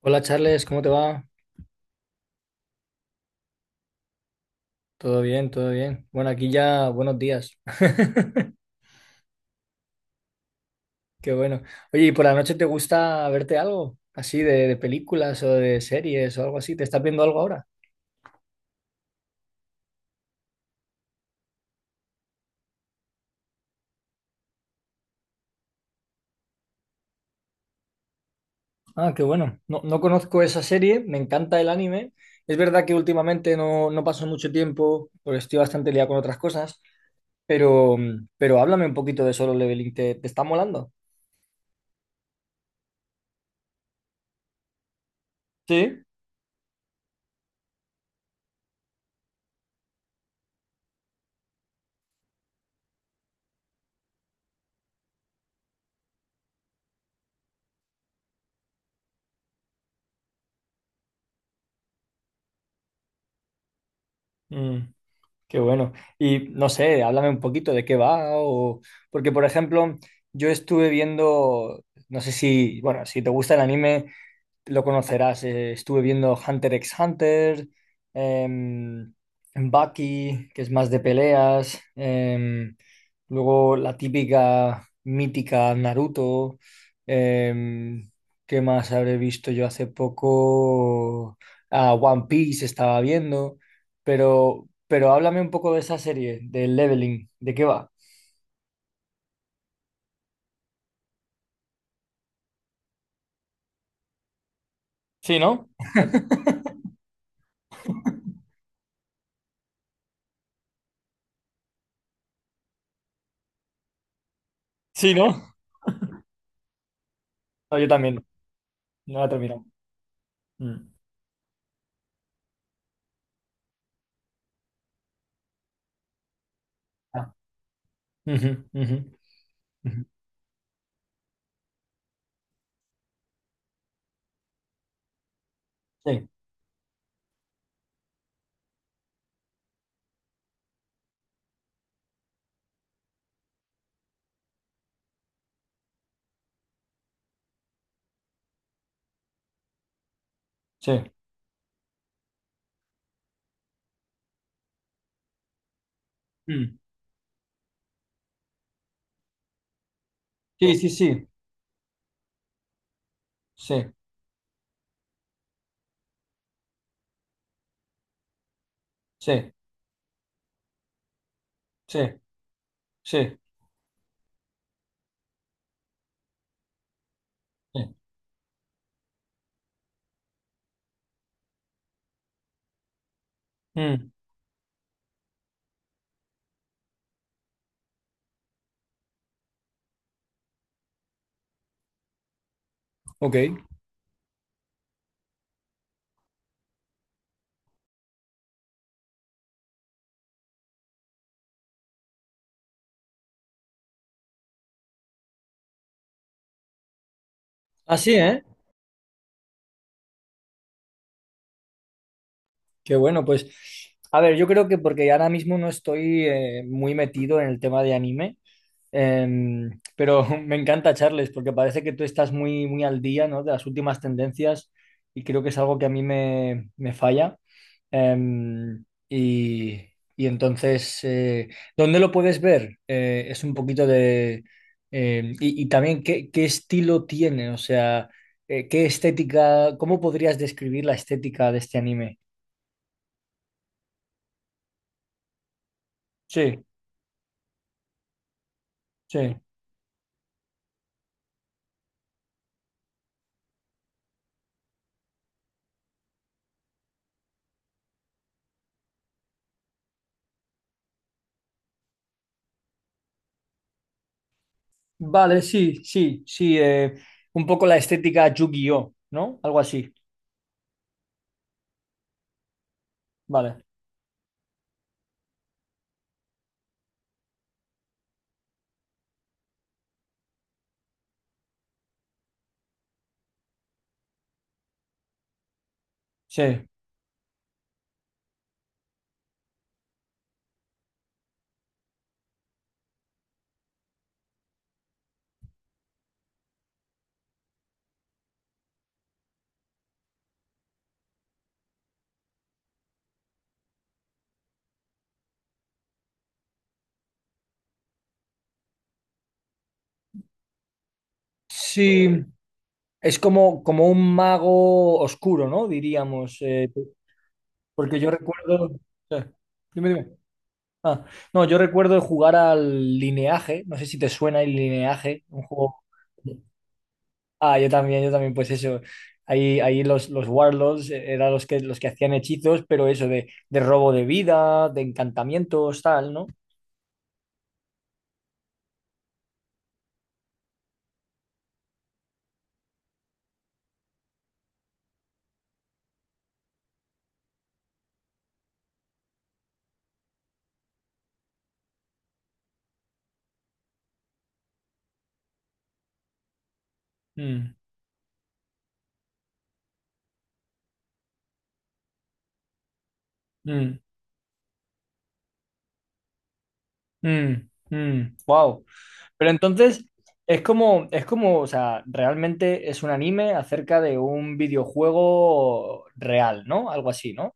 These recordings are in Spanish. Hola Charles, ¿cómo te va? Todo bien, todo bien. Bueno, aquí ya buenos días. Qué bueno. Oye, ¿y por la noche te gusta verte algo así de películas o de series o algo así? ¿Te estás viendo algo ahora? Ah, qué bueno. No, no conozco esa serie, me encanta el anime. Es verdad que últimamente no paso mucho tiempo porque estoy bastante liado con otras cosas, pero, pero háblame un poquito de Solo Leveling. ¿Te está molando? Sí. Mm. Qué bueno. Y no sé, háblame un poquito de qué va o porque por ejemplo, yo estuve viendo, no sé si, bueno, si te gusta el anime, lo conocerás. Estuve viendo Hunter x Hunter, em, Bucky, que es más de peleas, luego la típica mítica Naruto. em, ¿Qué más habré visto yo hace poco? Ah, One Piece estaba viendo, pero háblame un poco de esa serie, del Leveling, ¿de qué va? Sí, ¿no? Sí, ¿no? No, yo también, no la he terminado. Mm. Ah, ujú, ujú, ujú. Sí. Sí, mm, sí, sí, sí, sí, sí, sí, sí, sí. Mm, ok. Así, ¿eh? Qué bueno, pues. A ver, yo creo que porque ahora mismo no estoy muy metido en el tema de anime. Pero me encanta, Charles, porque parece que tú estás muy, muy al día, ¿no? De las últimas tendencias, y creo que es algo que a mí me falla. Em, y, y entonces, ¿dónde lo puedes ver? Es un poquito de... y también, ¿qué estilo tiene? O sea, ¿qué estética? ¿Cómo podrías describir la estética de este anime? Sí, sí. Vale, sí, sí, sí. Un poco la estética Yu-Gi-Oh, ¿no? Algo así. Vale, sí. Sí, es como, como un mago oscuro, ¿no? Diríamos, porque yo recuerdo... sí. Dime, dime. Ah, no, yo recuerdo jugar al Lineaje, no sé si te suena el Lineaje, un juego... Ah, yo también, pues eso. Ahí, ahí los Warlords eran los que hacían hechizos, pero eso de robo de vida, de encantamientos, tal, ¿no? Mm, mm. Wow. Pero entonces es como, o sea, realmente es un anime acerca de un videojuego real, ¿no? Algo así, ¿no?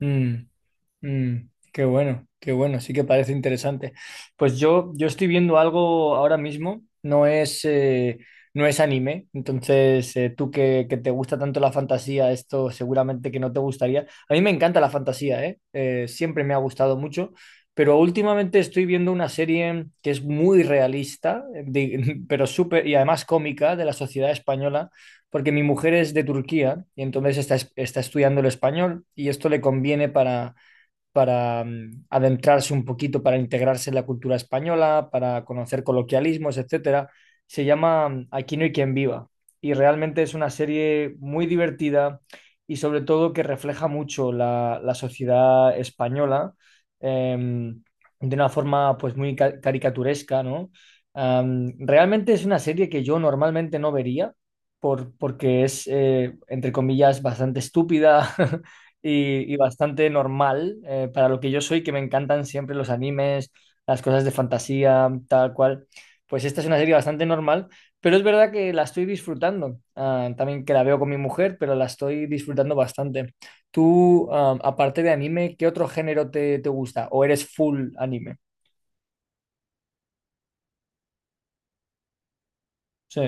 Mm. Mm, qué bueno, sí que parece interesante. Pues yo estoy viendo algo ahora mismo, no es, no es anime, entonces tú que te gusta tanto la fantasía, esto seguramente que no te gustaría. A mí me encanta la fantasía, ¿eh? Siempre me ha gustado mucho, pero últimamente estoy viendo una serie que es muy realista, pero súper, y además cómica, de la sociedad española, porque mi mujer es de Turquía y entonces está, está estudiando el español y esto le conviene para mm, adentrarse un poquito, para integrarse en la cultura española, para conocer coloquialismos, etcétera. Se llama mm, Aquí no hay quien viva, y realmente es una serie muy divertida, y sobre todo que refleja mucho la, la sociedad española, em, de una forma pues muy caricaturesca, ¿no? Am, realmente es una serie que yo normalmente no vería porque es, entre comillas, bastante estúpida, y bastante normal para lo que yo soy, que me encantan siempre los animes, las cosas de fantasía, tal cual. Pues esta es una serie bastante normal, pero es verdad que la estoy disfrutando. Ah, también que la veo con mi mujer, pero la estoy disfrutando bastante. Tú, ah, aparte de anime, ¿qué otro género te gusta? ¿O eres full anime? Sí.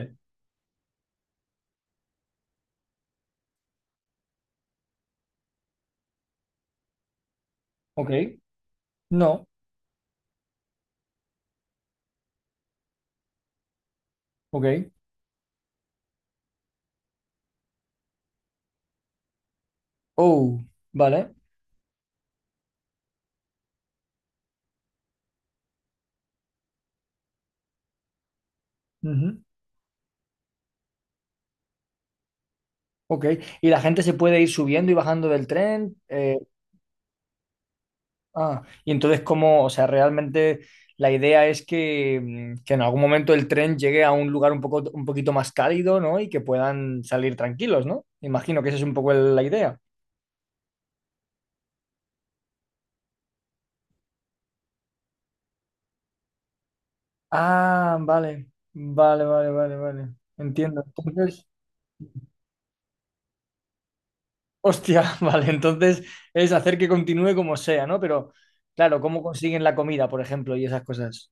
Ok. No. Ok. Oh, vale. Ujú. Ok. ¿Y la gente se puede ir subiendo y bajando del tren? Ah, y entonces, ¿cómo? O sea, realmente la idea es que, mm, que en algún momento el tren llegue a un lugar un poco, un poquito más cálido, ¿no? Y que puedan salir tranquilos, ¿no? Imagino que esa es un poco la idea. Ah, vale, vale, vale, vale, vale. Entiendo. Entonces, hostia, vale, entonces es hacer que continúe como sea, ¿no? Pero, claro, ¿cómo consiguen la comida, por ejemplo, y esas cosas?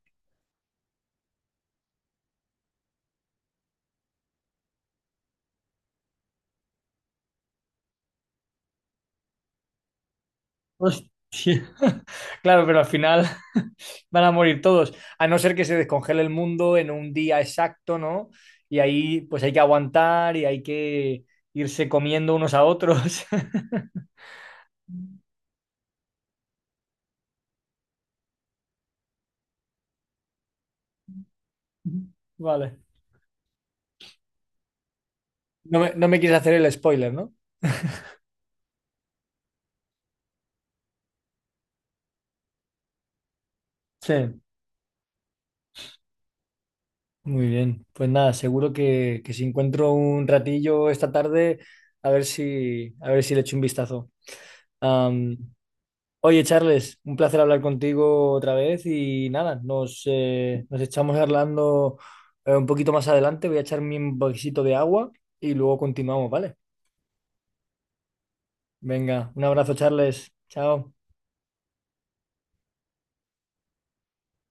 Claro, pero al final van a morir todos, a no ser que se descongele el mundo en un día exacto, ¿no? Y ahí pues hay que aguantar y hay que irse comiendo unos a otros. Vale. No me quieres hacer el spoiler, ¿no? Sí. Muy bien. Pues nada, seguro que si encuentro un ratillo esta tarde, a ver si le echo un vistazo. Am, oye, Charles, un placer hablar contigo otra vez y nada, nos, nos echamos hablando un poquito más adelante. Voy a echarme un poquito de agua y luego continuamos, ¿vale? Venga, un abrazo, Charles. Chao.